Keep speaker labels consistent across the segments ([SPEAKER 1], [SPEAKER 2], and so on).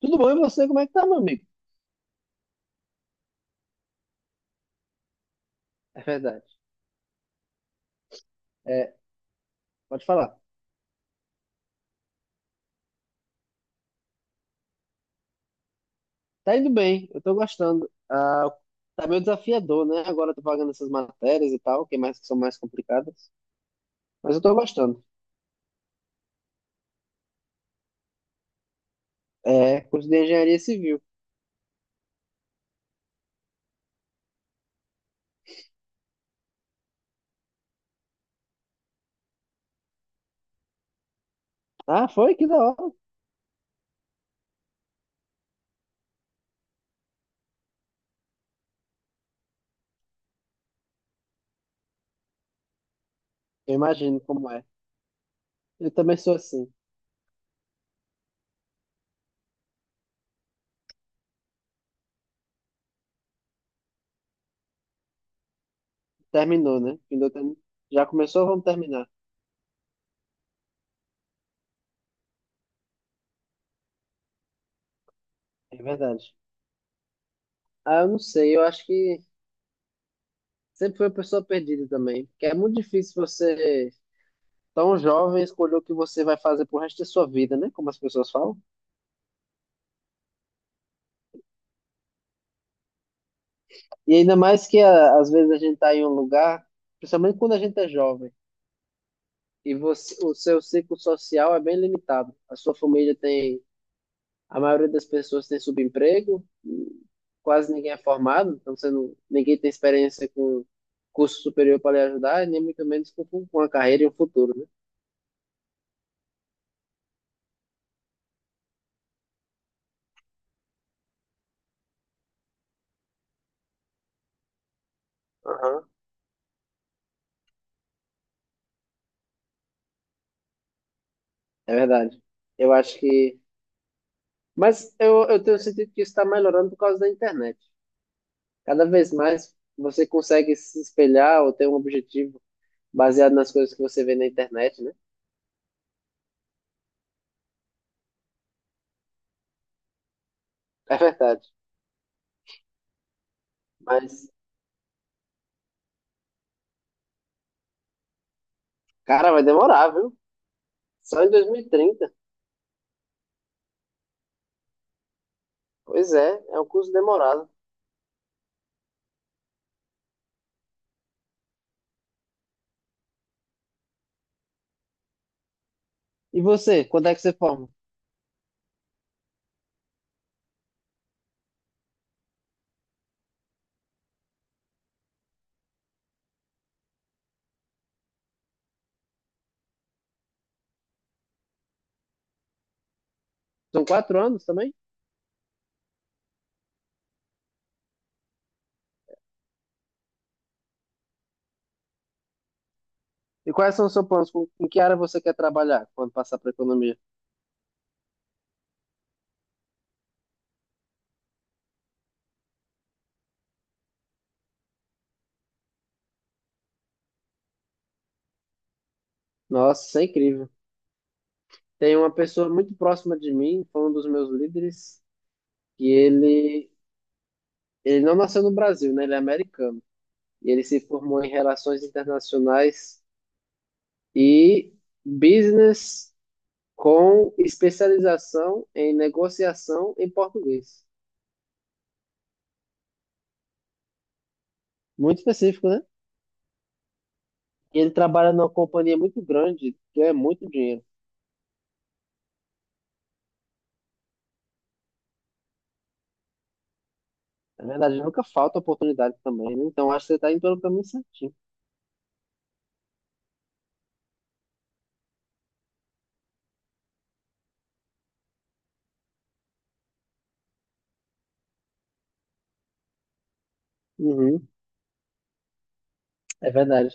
[SPEAKER 1] Tudo bom? E você, como é que tá, meu amigo? É verdade. É, pode falar. Tá indo bem, eu tô gostando. Tá meio desafiador, né? Agora eu tô pagando essas matérias e tal, que são mais complicadas. Mas eu tô gostando. É, curso de engenharia civil. Ah, foi? Que da hora. Eu imagino como é. Eu também sou assim. Terminou, né? Já começou, vamos terminar. É verdade. Eu não sei, eu acho que sempre fui uma pessoa perdida também. Porque é muito difícil você tão jovem escolher o que você vai fazer pro resto da sua vida, né? Como as pessoas falam. E ainda mais que às vezes a gente tá em um lugar, principalmente quando a gente é jovem, e você, o seu ciclo social é bem limitado. A sua família tem, a maioria das pessoas tem subemprego, e quase ninguém é formado, então você não, ninguém tem experiência com curso superior para lhe ajudar, e nem muito menos com uma carreira e um futuro, né? Aham. É verdade. Eu acho que. Mas eu tenho sentido que isso está melhorando por causa da internet. Cada vez mais você consegue se espelhar ou ter um objetivo baseado nas coisas que você vê na internet, né? É verdade. Mas, cara, vai demorar, viu? Só em 2030. Pois é, é um curso demorado. E você, quando é que você forma? São 4 anos também? E quais são os seus planos? Em que área você quer trabalhar quando passar para economia? Nossa, isso é incrível. Tem uma pessoa muito próxima de mim, foi um dos meus líderes, que ele, ele não nasceu no Brasil, né? Ele é americano. E ele se formou em Relações Internacionais e business com especialização em negociação em português. Muito específico, né? E ele trabalha numa companhia muito grande, que é muito dinheiro. Na verdade, nunca falta oportunidade também, né? Então, acho que você está indo pelo caminho certinho. Uhum, é verdade.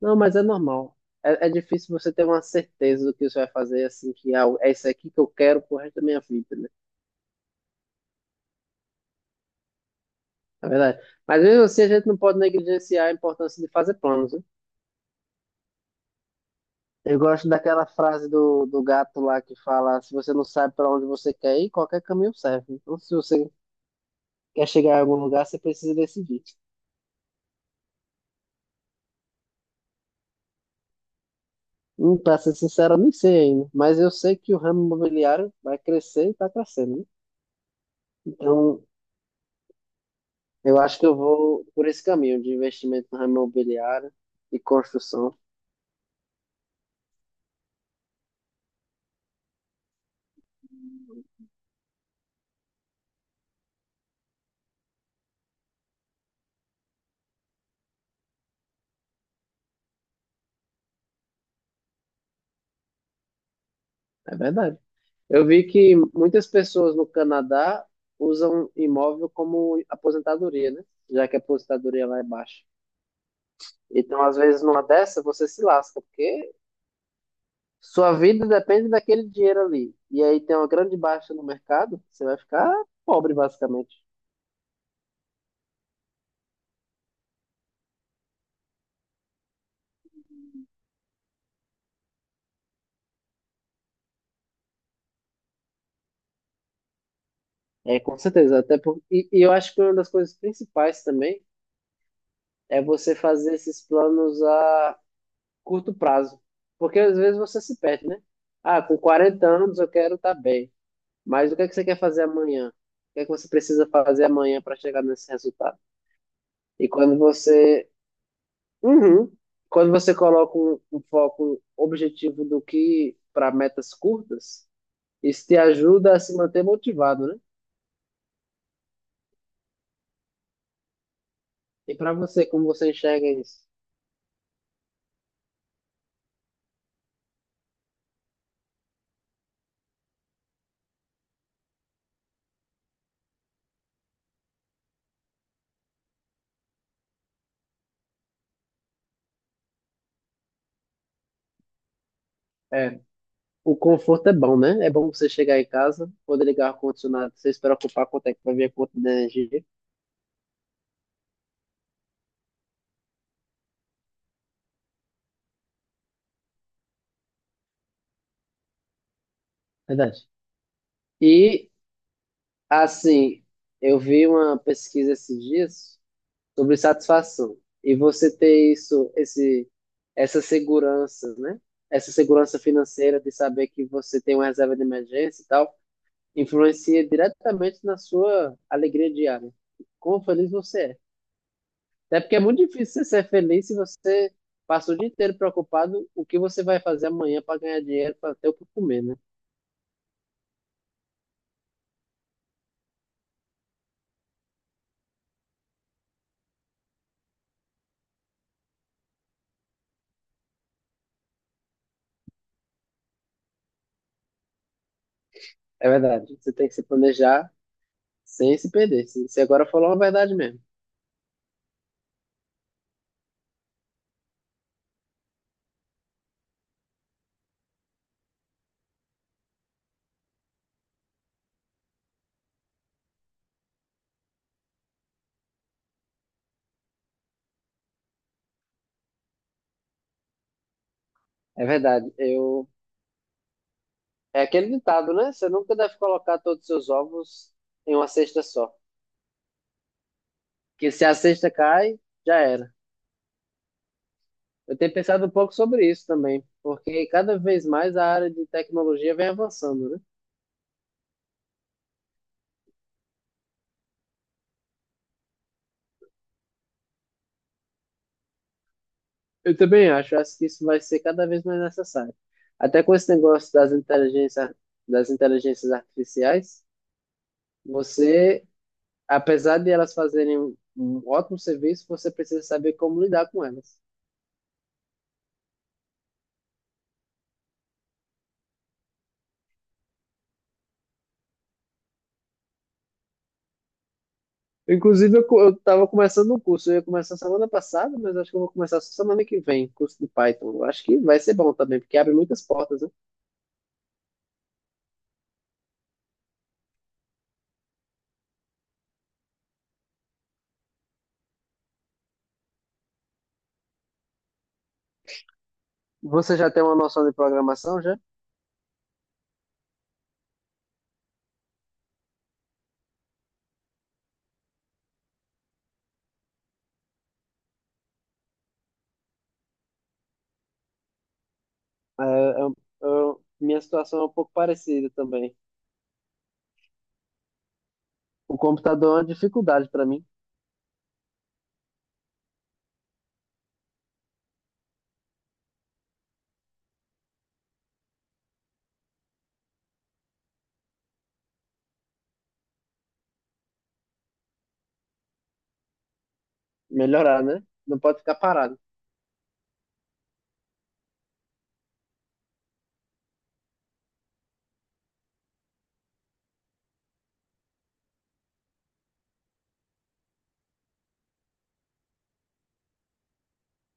[SPEAKER 1] Não, mas é normal. É, é difícil você ter uma certeza do que você vai fazer, assim, que ah, é isso aqui que eu quero pro resto da minha vida, né? É verdade. Mas mesmo assim, a gente não pode negligenciar a importância de fazer planos, né? Eu gosto daquela frase do gato lá que fala: se você não sabe para onde você quer ir, qualquer caminho serve. Então, se você quer chegar em algum lugar, você precisa decidir. Para ser sincero, eu nem sei ainda, mas eu sei que o ramo imobiliário vai crescer e está crescendo, né? Então, eu acho que eu vou por esse caminho de investimento no ramo imobiliário e construção. É verdade. Eu vi que muitas pessoas no Canadá usam imóvel como aposentadoria, né? Já que a aposentadoria lá é baixa. Então, às vezes, numa dessa, você se lasca, porque sua vida depende daquele dinheiro ali. E aí tem uma grande baixa no mercado, você vai ficar pobre, basicamente. É, com certeza. Até por... e eu acho que uma das coisas principais também é você fazer esses planos a curto prazo. Porque às vezes você se perde, né? Ah, com 40 anos eu quero estar bem. Mas o que é que você quer fazer amanhã? O que é que você precisa fazer amanhã para chegar nesse resultado? E quando você Uhum. Quando você coloca um foco, um objetivo do que para metas curtas, isso te ajuda a se manter motivado, né? E para você, como você enxerga isso? É, o conforto é bom, né? É bom você chegar em casa, poder ligar o ar-condicionado, você se preocupar quanto é que vai vir a conta de energia. Verdade. E, assim, eu vi uma pesquisa esses dias sobre satisfação. E você ter isso, essa segurança, né? Essa segurança financeira de saber que você tem uma reserva de emergência e tal, influencia diretamente na sua alegria diária. Quão feliz você é. Até porque é muito difícil você ser feliz se você passa o dia inteiro preocupado o que você vai fazer amanhã para ganhar dinheiro, para ter o que comer, né? É verdade. Você tem que se planejar sem se perder. Você agora falou uma verdade mesmo. É verdade. Eu É aquele ditado, né? Você nunca deve colocar todos os seus ovos em uma cesta só. Que se a cesta cai, já era. Eu tenho pensado um pouco sobre isso também, porque cada vez mais a área de tecnologia vem avançando, né? Eu também acho, acho que isso vai ser cada vez mais necessário. Até com esse negócio das inteligências artificiais, você, apesar de elas fazerem um ótimo serviço, você precisa saber como lidar com elas. Inclusive, eu tava começando um curso, eu ia começar semana passada, mas acho que eu vou começar só semana que vem, curso de Python. Eu acho que vai ser bom também, porque abre muitas portas, né? Você já tem uma noção de programação, já? É, é- Minha situação é um pouco parecida também. O computador é uma dificuldade para mim, melhorar, né? Não pode ficar parado.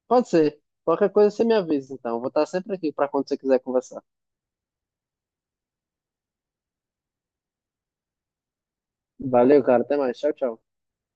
[SPEAKER 1] Pode ser. Qualquer coisa você me avisa, então. Eu vou estar sempre aqui para quando você quiser conversar. Valeu, cara. Até mais. Tchau, tchau.